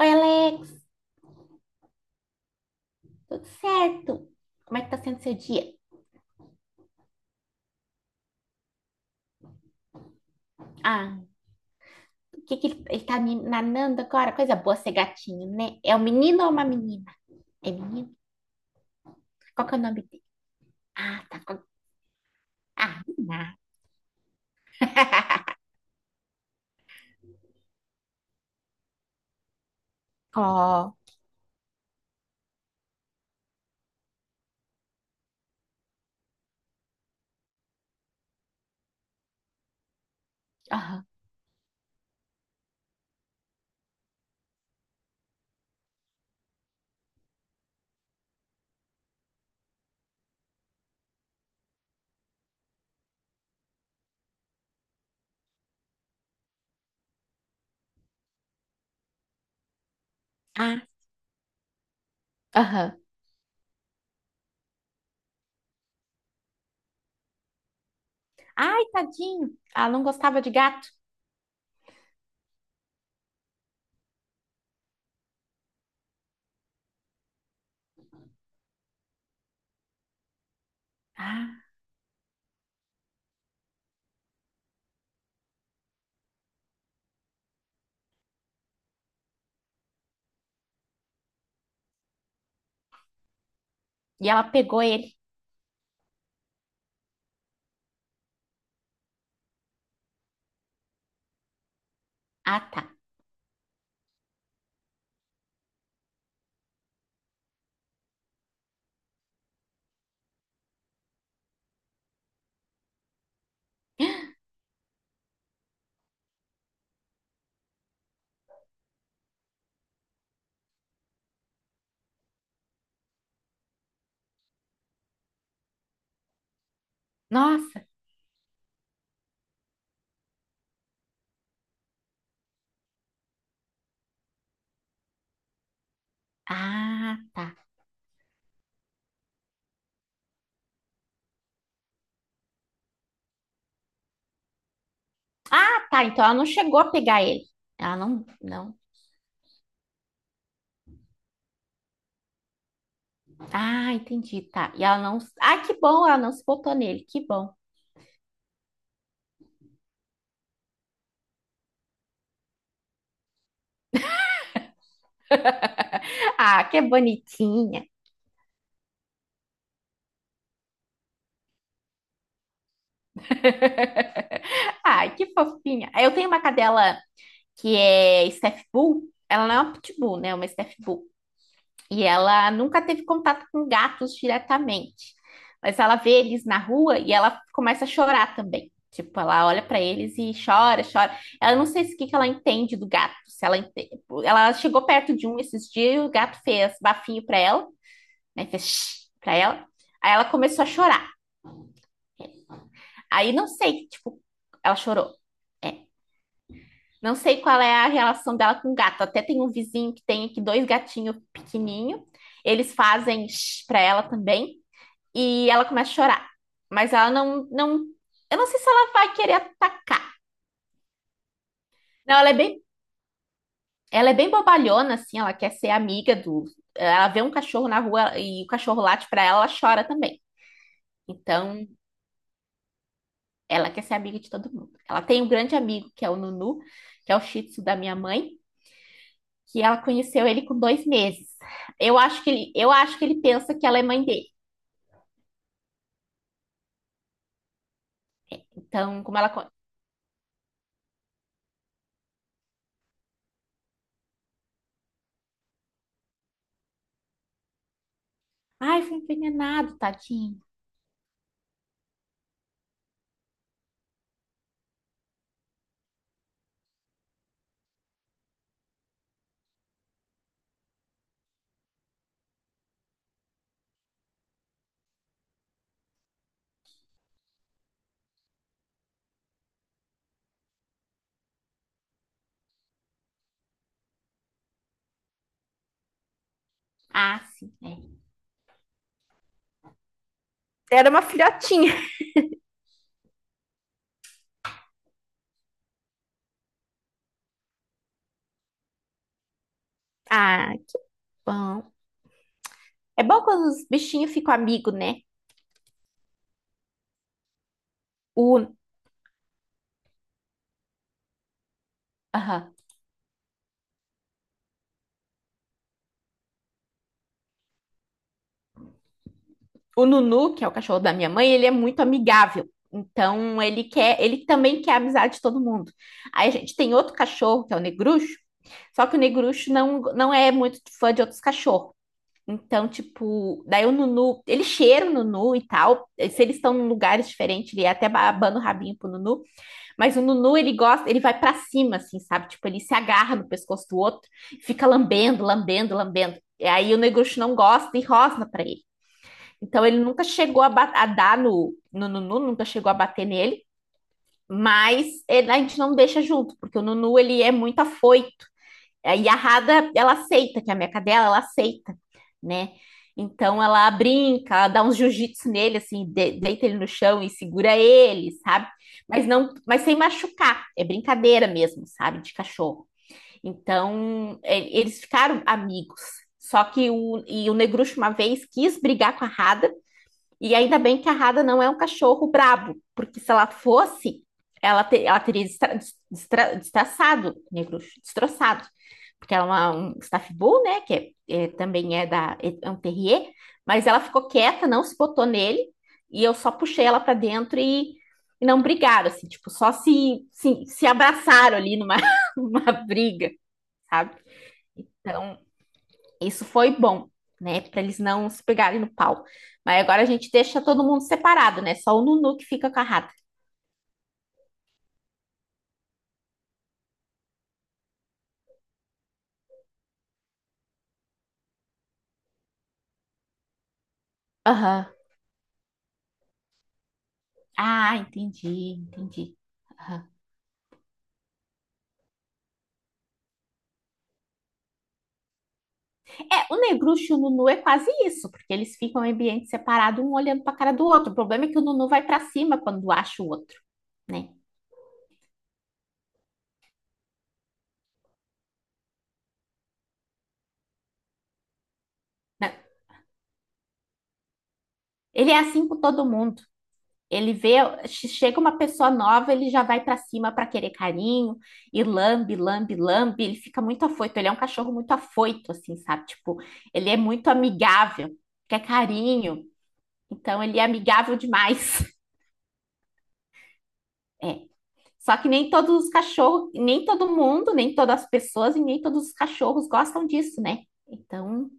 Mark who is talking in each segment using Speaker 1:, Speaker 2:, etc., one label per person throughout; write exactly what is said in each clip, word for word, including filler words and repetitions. Speaker 1: Oi, Alex, tudo certo? Como é que tá sendo seu dia? Ah, o que que ele, ele tá me nanando agora? Coisa boa ser gatinho, né? É um menino ou uma menina? É menino? Qual que é o nome dele? Ah, tá. qual- Ah, menina. Ó, aham. Ah, aham. Ai, tadinho. Ela não gostava de gato. Ah, e ela pegou ele. Ah, tá. Nossa. Ah, tá. Ah, tá. Então ela não chegou a pegar ele. Ela não, não. Ah, entendi, tá. E ela não. Ah, que bom, ela não se botou nele, que bom. Ah, que bonitinha. Ai, que fofinha. Eu tenho uma cadela que é Staff Bull. Ela não é uma Pitbull, né? É uma Staff Bull. E ela nunca teve contato com gatos diretamente. Mas ela vê eles na rua e ela começa a chorar também. Tipo, ela olha pra eles e chora, chora. Ela não sei se o que que ela entende do gato. Se ela, ente- Ela chegou perto de um esses dias e o gato fez bafinho pra ela, né? Fez pra ela. Aí ela começou a chorar. Aí não sei, tipo, ela chorou. É. Não sei qual é a relação dela com o gato. Até tem um vizinho que tem aqui dois gatinhos pequenininho. Eles fazem shh pra ela também. E ela começa a chorar. Mas ela não, não. Eu não sei se ela vai querer atacar. Não, ela é bem, ela é bem bobalhona, assim. Ela quer ser amiga do. Ela vê um cachorro na rua e o cachorro late pra ela, ela chora também. Então, ela quer ser amiga de todo mundo. Ela tem um grande amigo, que é o Nunu, que é o Shih Tzu da minha mãe, que ela conheceu ele com dois meses. Eu acho que ele, eu acho que ele pensa que ela é mãe dele. Então, como ela. co- Ai, foi envenenado, tadinho. Ah, sim, é. Era uma filhotinha. Ah, que bom. É bom quando os bichinhos ficam amigos, né? O, aham. O Nunu, que é o cachorro da minha mãe, ele é muito amigável. Então, ele quer, ele também quer a amizade de todo mundo. Aí a gente tem outro cachorro, que é o Negruxo. Só que o Negruxo não, não é muito fã de outros cachorros. Então, tipo, daí o Nunu, ele cheira o Nunu e tal. Se eles estão em lugares diferentes, ele é até abana o rabinho pro Nunu. Mas o Nunu, ele gosta, ele vai para cima, assim, sabe? Tipo, ele se agarra no pescoço do outro, fica lambendo, lambendo, lambendo. E aí o Negruxo não gosta e rosna para ele. Então, ele nunca chegou a, ba- a dar no, no Nunu, nunca chegou a bater nele. Mas ele- a gente não deixa junto, porque o Nunu, ele é muito afoito. E a Hada, ela aceita, que é a minha cadela, ela aceita, né? Então ela brinca, ela dá uns jiu-jitsu nele, assim, de- deita ele no chão e segura ele, sabe? Mas não, mas sem machucar, é brincadeira mesmo, sabe? De cachorro. Então e- eles ficaram amigos. Só que o, e o Negruxo uma vez quis brigar com a Hada, e ainda bem que a Rada não é um cachorro brabo, porque se ela fosse, ela, te- ela teria destra, destra, destraçado, negro, destroçado. Porque ela é uma- um staff bull, né? Que é- é- também é da é é um terrier, mas ela ficou quieta, não se botou nele, e eu só puxei ela para dentro e, e não brigaram, assim, tipo, só se, se, se abraçaram ali numa, numa briga, sabe? Então, isso foi bom, né? Para eles não se pegarem no pau. Mas agora a gente deixa todo mundo separado, né? Só o Nunu que fica com a rata. Aham. Ah, entendi, entendi. Aham. É, o Negruxo e o Nunu é quase isso, porque eles ficam em ambiente separado, um olhando para a cara do outro. O problema é que o Nunu vai para cima quando acha o outro, né? Não, ele é assim com todo mundo. Ele vê, chega uma pessoa nova, ele já vai pra cima pra querer carinho e lambe, lambe, lambe. Ele fica muito afoito. Ele é um cachorro muito afoito, assim, sabe? Tipo, ele é muito amigável, quer carinho. Então, ele é amigável demais. É. Só que nem todos os cachorros, nem todo mundo, nem todas as pessoas e nem todos os cachorros gostam disso, né? Então,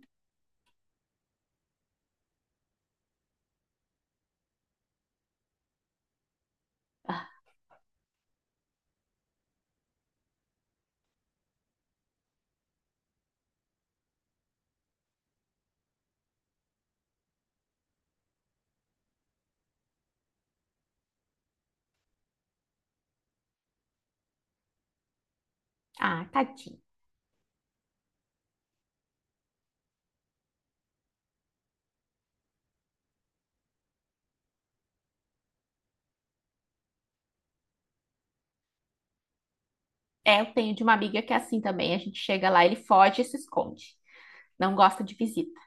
Speaker 1: ah, ah, tadinho. É, eu tenho de uma amiga que é assim também. A gente chega lá, ele foge e se esconde. Não gosta de visita.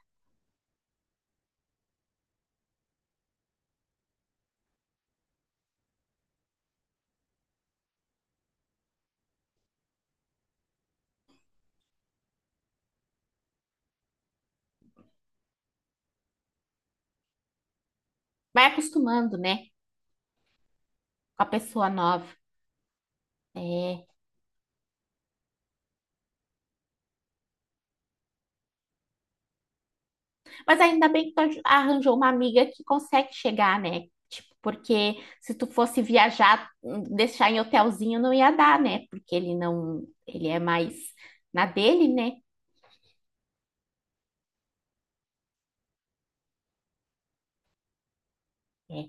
Speaker 1: Vai acostumando, né? Com a pessoa nova. É. Mas ainda bem que tu aj- arranjou uma amiga que consegue chegar, né? Tipo, porque se tu fosse viajar, hum, deixar em hotelzinho não ia dar, né? Porque ele não, ele é mais na dele, né? É.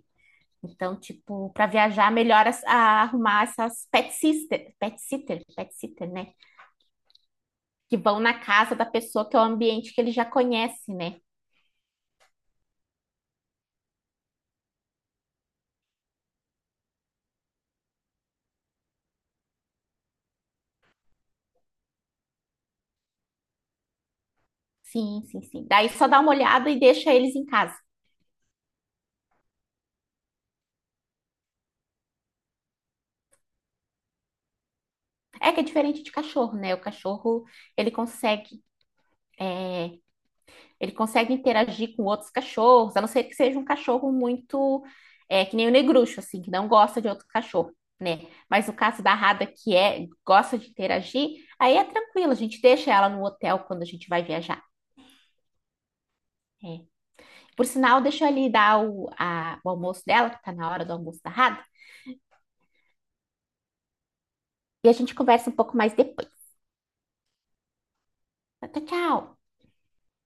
Speaker 1: Então, tipo, para viajar, melhor as- a- arrumar essas pet sister, pet sitter, pet sitter, né? Que vão na casa da pessoa, que é o ambiente que ele já conhece, né? Sim, sim, sim. Daí só dá uma olhada e deixa eles em casa. É que é diferente de cachorro, né? O cachorro, ele consegue, é, ele consegue interagir com outros cachorros, a não ser que seja um cachorro muito, é, que nem o negruxo, assim, que não gosta de outro cachorro, né? Mas no caso da Rada, que é, gosta de interagir, aí é tranquilo, a gente deixa ela no hotel quando a gente vai viajar. É. Por sinal, deixa eu ali dar o, a- o almoço dela, que tá na hora do almoço da Rada, e a gente conversa um pouco mais depois. Até tchau!